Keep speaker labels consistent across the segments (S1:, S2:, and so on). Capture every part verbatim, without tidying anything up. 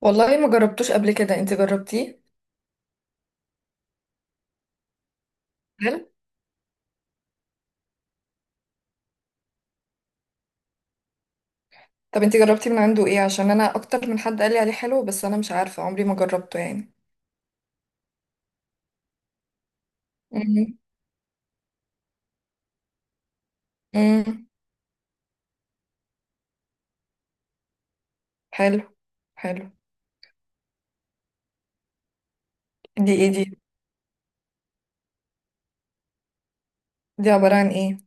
S1: والله ما جربتوش قبل كده، انت جربتيه؟ هل؟ طب انت جربتي من عنده ايه، عشان انا اكتر من حد قال لي عليه حلو، بس انا مش عارفة، عمري ما جربته يعني. امم. امم. حلو حلو. دي ايه دي؟ دي عبارة عن ايه؟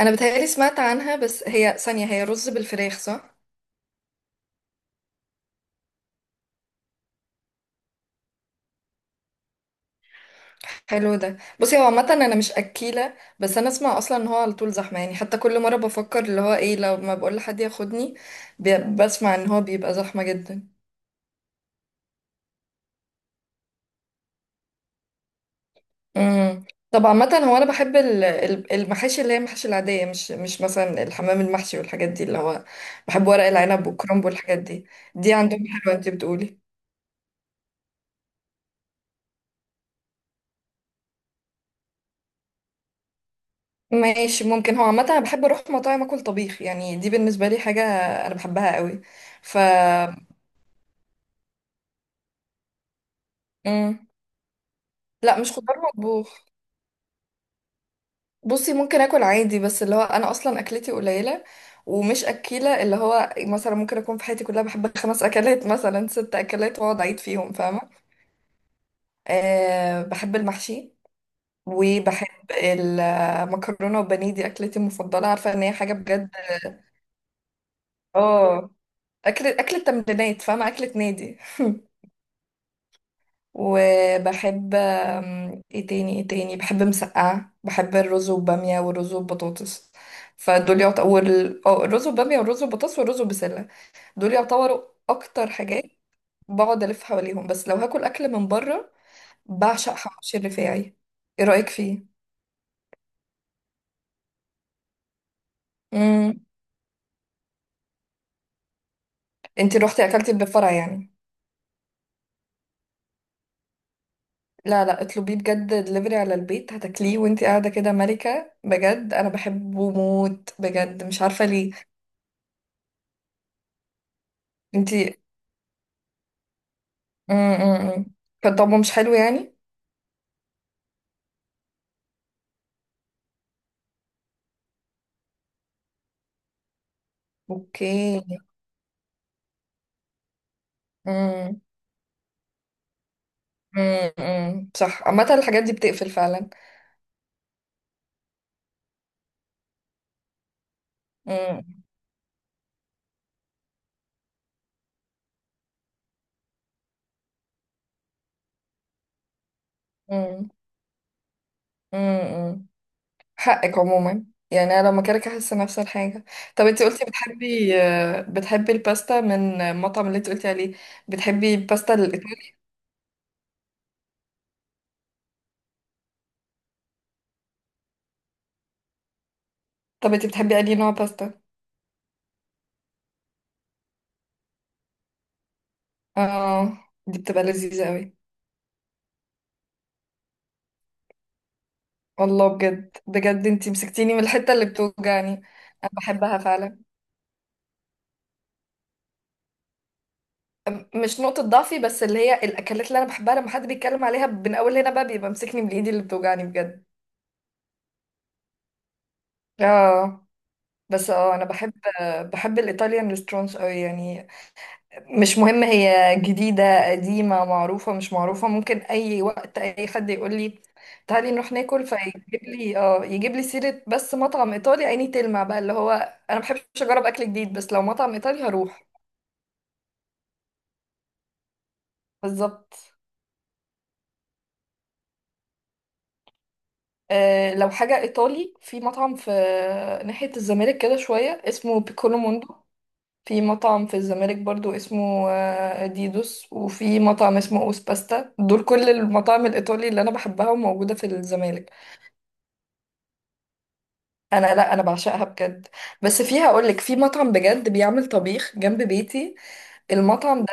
S1: انا بتهيألي سمعت عنها، بس هي ثانية، هي رز بالفراخ صح؟ حلو ده. بصي هو عامة انا مش اكيلة، بس انا اسمع اصلا ان هو على طول زحمة يعني، حتى كل مرة بفكر اللي هو ايه لو ما بقول لحد ياخدني. بي- بسمع ان هو بيبقى زحمة جدا. امم. طب عامة هو أنا بحب ال- ال- المحاشي، اللي هي المحاشي العادية، مش مش مثلا الحمام المحشي والحاجات دي، اللي هو بحب ورق العنب والكرنب والحاجات دي. دي عندهم حلوة أنت بتقولي؟ ماشي ممكن. هو عامة أنا بحب أروح مطاعم أكل طبيخ، يعني دي بالنسبة لي حاجة أنا بحبها قوي. ف. امم. لا، مش خضار مطبوخ. بصي ممكن أكل عادي، بس اللي هو أنا أصلا أكلتي قليلة ومش أكيلة، اللي هو مثلا ممكن أكون في حياتي كلها بحب خمس أكلات مثلا، ست أكلات، وأقعد أعيد فيهم، فاهمة؟ أه، بحب المحشي، وبحب المكرونة، وبانيه دي أكلتي المفضلة، عارفة إن هي حاجة بجد. اه. أكل أكلة تمرينات، فاهمة، أكلة نادي. وبحب آم، ايه تاني ايه تاني، بحب مسقعة، بحب الرز وبامية، والرز وبطاطس. فدول يعتبروا. اه الرز وبامية والرز وبطاطس والرز وبسلة، دول يعتبروا أكتر حاجات بقعد ألف حواليهم. بس لو هاكل أكل من بره، بعشق حواوشي الرفاعي. ايه رأيك فيه؟ انتي روحتي اكلتي اللي بفرع يعني؟ لا لا اطلبيه بجد دليفري على البيت، هتاكليه وانتي قاعده كده ملكه بجد، انا بحبه موت بجد مش عارفه ليه. انتي. امم. كان طعمه مش حلو يعني؟ اوكي. امم. امم صح، عامه الحاجات دي بتقفل فعلا. امم. امم. حقك عموما، يعني انا لما كده احس نفس الحاجه. طب انتي قلتي بتحبي بتحبي الباستا من المطعم اللي انتي قلتي عليه، بتحبي الباستا الايطالي؟ طب انتي بتحبي انهي نوع باستا؟ اه. دي بتبقى لذيذة قوي. والله بجد بجد انتي مسكتيني من الحتة اللي بتوجعني. انا بحبها فعلا. أم- مش نقطة ضعفي، بس اللي هي الاكلات اللي انا بحبها لما حد بيتكلم عليها من اول هنا بقى، بيبقى مسكني من ايدي اللي بتوجعني بجد. اه. بس اه انا بحب، بحب الايطاليان ريستورانتس قوي يعني. مش مهم هي جديدة، قديمة، معروفة، مش معروفة، ممكن أي وقت أي حد يقول لي تعالي نروح ناكل فيجيب لي، اه يجيب لي سيرة بس مطعم إيطالي عيني تلمع بقى، اللي هو أنا مبحبش أجرب أكل جديد، بس لو مطعم إيطالي هروح. بالظبط. آه لو حاجة إيطالي، في مطعم في ناحية الزمالك كده شوية اسمه بيكولو موندو. في مطعم في الزمالك برضو اسمه آه، ديدوس، وفي مطعم اسمه أوس باستا. دول كل المطاعم الإيطالي اللي أنا بحبها وموجودة في الزمالك. انا لا، انا بعشقها بجد. بس فيها اقول لك، في مطعم بجد بيعمل طبيخ جنب بيتي. المطعم ده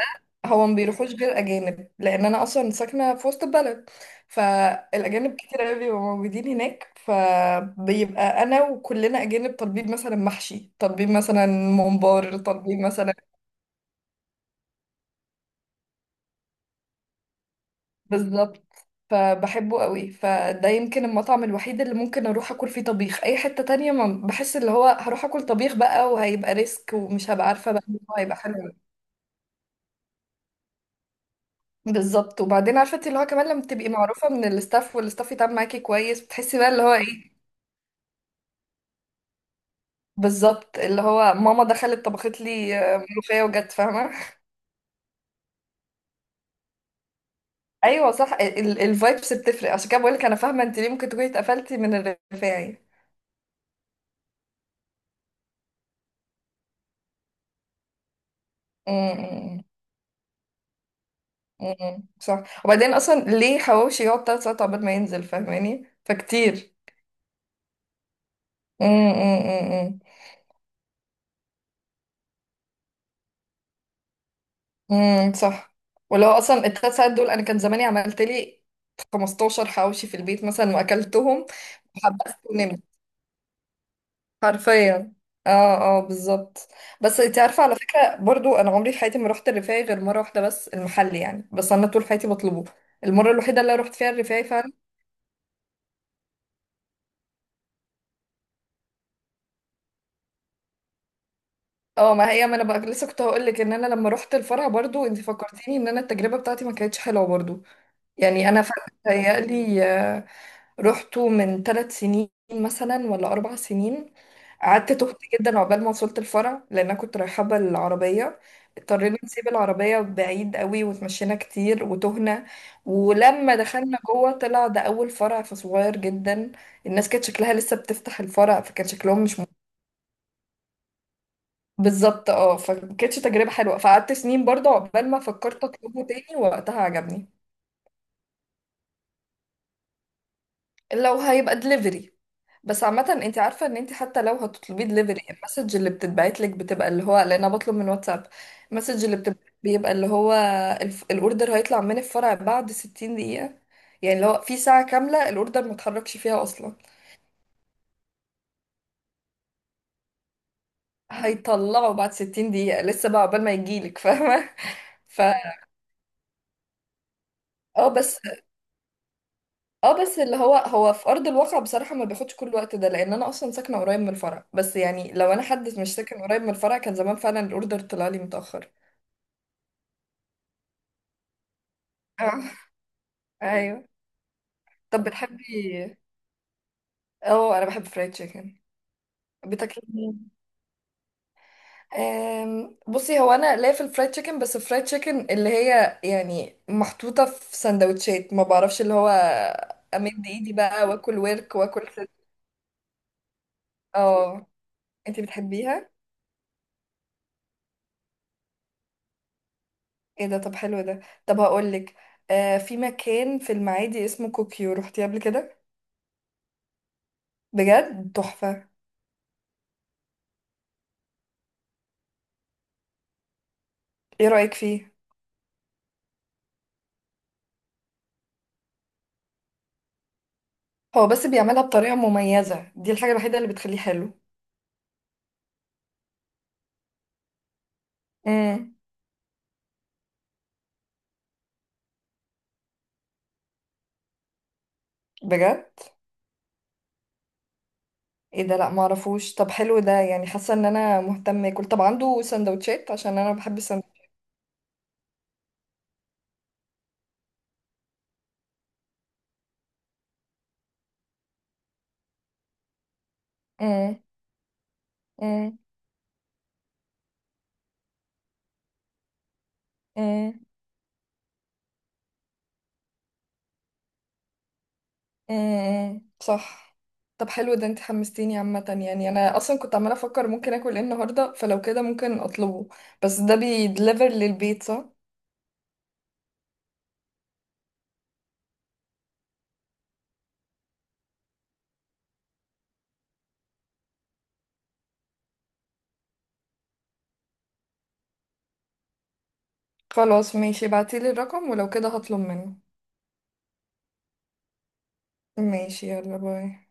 S1: هو ما بيروحوش غير اجانب، لان انا اصلا ساكنه في وسط البلد، فالاجانب كتير قوي بيبقوا موجودين هناك، فبيبقى انا وكلنا اجانب طالبين مثلا محشي، طالبين مثلا ممبار، طالبين مثلا. بالظبط. فبحبه قوي، فده يمكن المطعم الوحيد اللي ممكن اروح اكل فيه طبيخ. اي حتة تانية ما بحس، اللي هو هروح اكل طبيخ بقى وهيبقى ريسك ومش هبقى عارفة بقى إن هو هيبقى حلو. بالظبط. وبعدين عارفه انت، اللي هو كمان لما تبقي معروفه من الاستاف، والاستاف يتعامل معاكي كويس، بتحسي بقى اللي هو ايه. بالظبط. اللي هو ماما دخلت طبخت لي آه، ملوخيه وجت، فاهمه. ايوه صح، الفايبس بتفرق، عشان كده بقول لك انا فاهمه انت ليه ممكن تكوني اتقفلتي من الرفاعي. امم. امم صح. وبعدين اصلا ليه حواوشي يقعد تلات ساعات عقبال ما ينزل، فاهماني؟ فكتير. امم. امم صح. ولو اصلا التلات ساعات دول انا كان زماني عملت لي خمسة عشر حواوشي في البيت مثلا واكلتهم وحبست ونمت. حرفيا. اه اه بالظبط. بس انت عارفه، على فكره برضو انا عمري في حياتي ما رحت الرفاعي غير مره واحده بس المحل يعني، بس انا طول حياتي بطلبه. المره الوحيده اللي رحت فيها الرفاعي فعلا. اه، ما هي ما انا بقى لسه كنت هقول لك ان انا لما رحت الفرع برضو، انت فكرتيني، ان انا التجربه بتاعتي ما كانتش حلوه برضو. يعني انا فعلا متهيألي آه، رحته من ثلاث سنين مثلا، ولا أربع سنين. قعدت تهت جدا عقبال ما وصلت الفرع، لأن أنا كنت رايحة بالعربية. اضطرينا نسيب العربية بعيد قوي وتمشينا كتير وتهنا. ولما دخلنا جوه طلع ده أول فرع، فصغير جدا. الناس كانت شكلها لسه بتفتح الفرع، فكان شكلهم مش م- بالظبط. اه، فكانتش تجربة حلوة، فقعدت سنين برضه عقبال ما فكرت أطلبه تاني، ووقتها عجبني. لو هيبقى دليفري، بس عامة انت عارفة ان انت حتى لو هتطلبي دليفري، المسج اللي بتتبعت لك بتبقى اللي هو، لان انا بطلب من واتساب، المسج اللي بتبقى بيبقى اللي هو الف... الاوردر هيطلع من الفرع بعد ستين دقيقة، يعني لو في ساعة كاملة الاوردر ما اتحركش فيها اصلا. هيطلعه بعد ستين دقيقة، لسه بقى عقبال ما يجيلك، فاهمة. ف. اه بس، اه بس اللي هو هو في ارض الواقع بصراحة ما بياخدش كل الوقت ده، لان انا اصلا ساكنة قريب من الفرع، بس يعني لو انا حد مش ساكن قريب من الفرع كان زمان فعلا الاوردر طلع لي متأخر. اه. ايوه. طب بتحبي؟ اه انا بحب فرايد تشيكن. بتاكلي منين؟ أم، بصي هو انا ليا في الفرايد تشيكن، بس الفرايد تشيكن اللي هي يعني محطوطه في سندوتشات، ما بعرفش اللي هو امد ايدي بقى واكل ورك واكل ست. اه. انتي بتحبيها؟ ايه ده؟ طب حلو ده. طب هقولك، آه في مكان في المعادي اسمه كوكيو، روحتي قبل كده؟ بجد تحفه. ايه رايك فيه؟ هو بس بيعملها بطريقه مميزه، دي الحاجه الوحيده اللي بتخليه حلو. امم. بجد؟ ايه ده، لا معرفوش. طب حلو ده، يعني حاسه ان انا مهتمه اكل. طب عنده سندوتشات؟ عشان انا بحب السندوتشات. امم. امم. امم. امم صح. طب حلو ده، انت حمستيني عامه، يعني انا اصلا كنت عماله افكر ممكن اكل ايه النهارده، فلو كده ممكن اطلبه. بس ده بيدليفر للبيت صح؟ خلاص ماشي، ابعتيلي الرقم ولو كده هطلب منه. ماشي، يلا باي.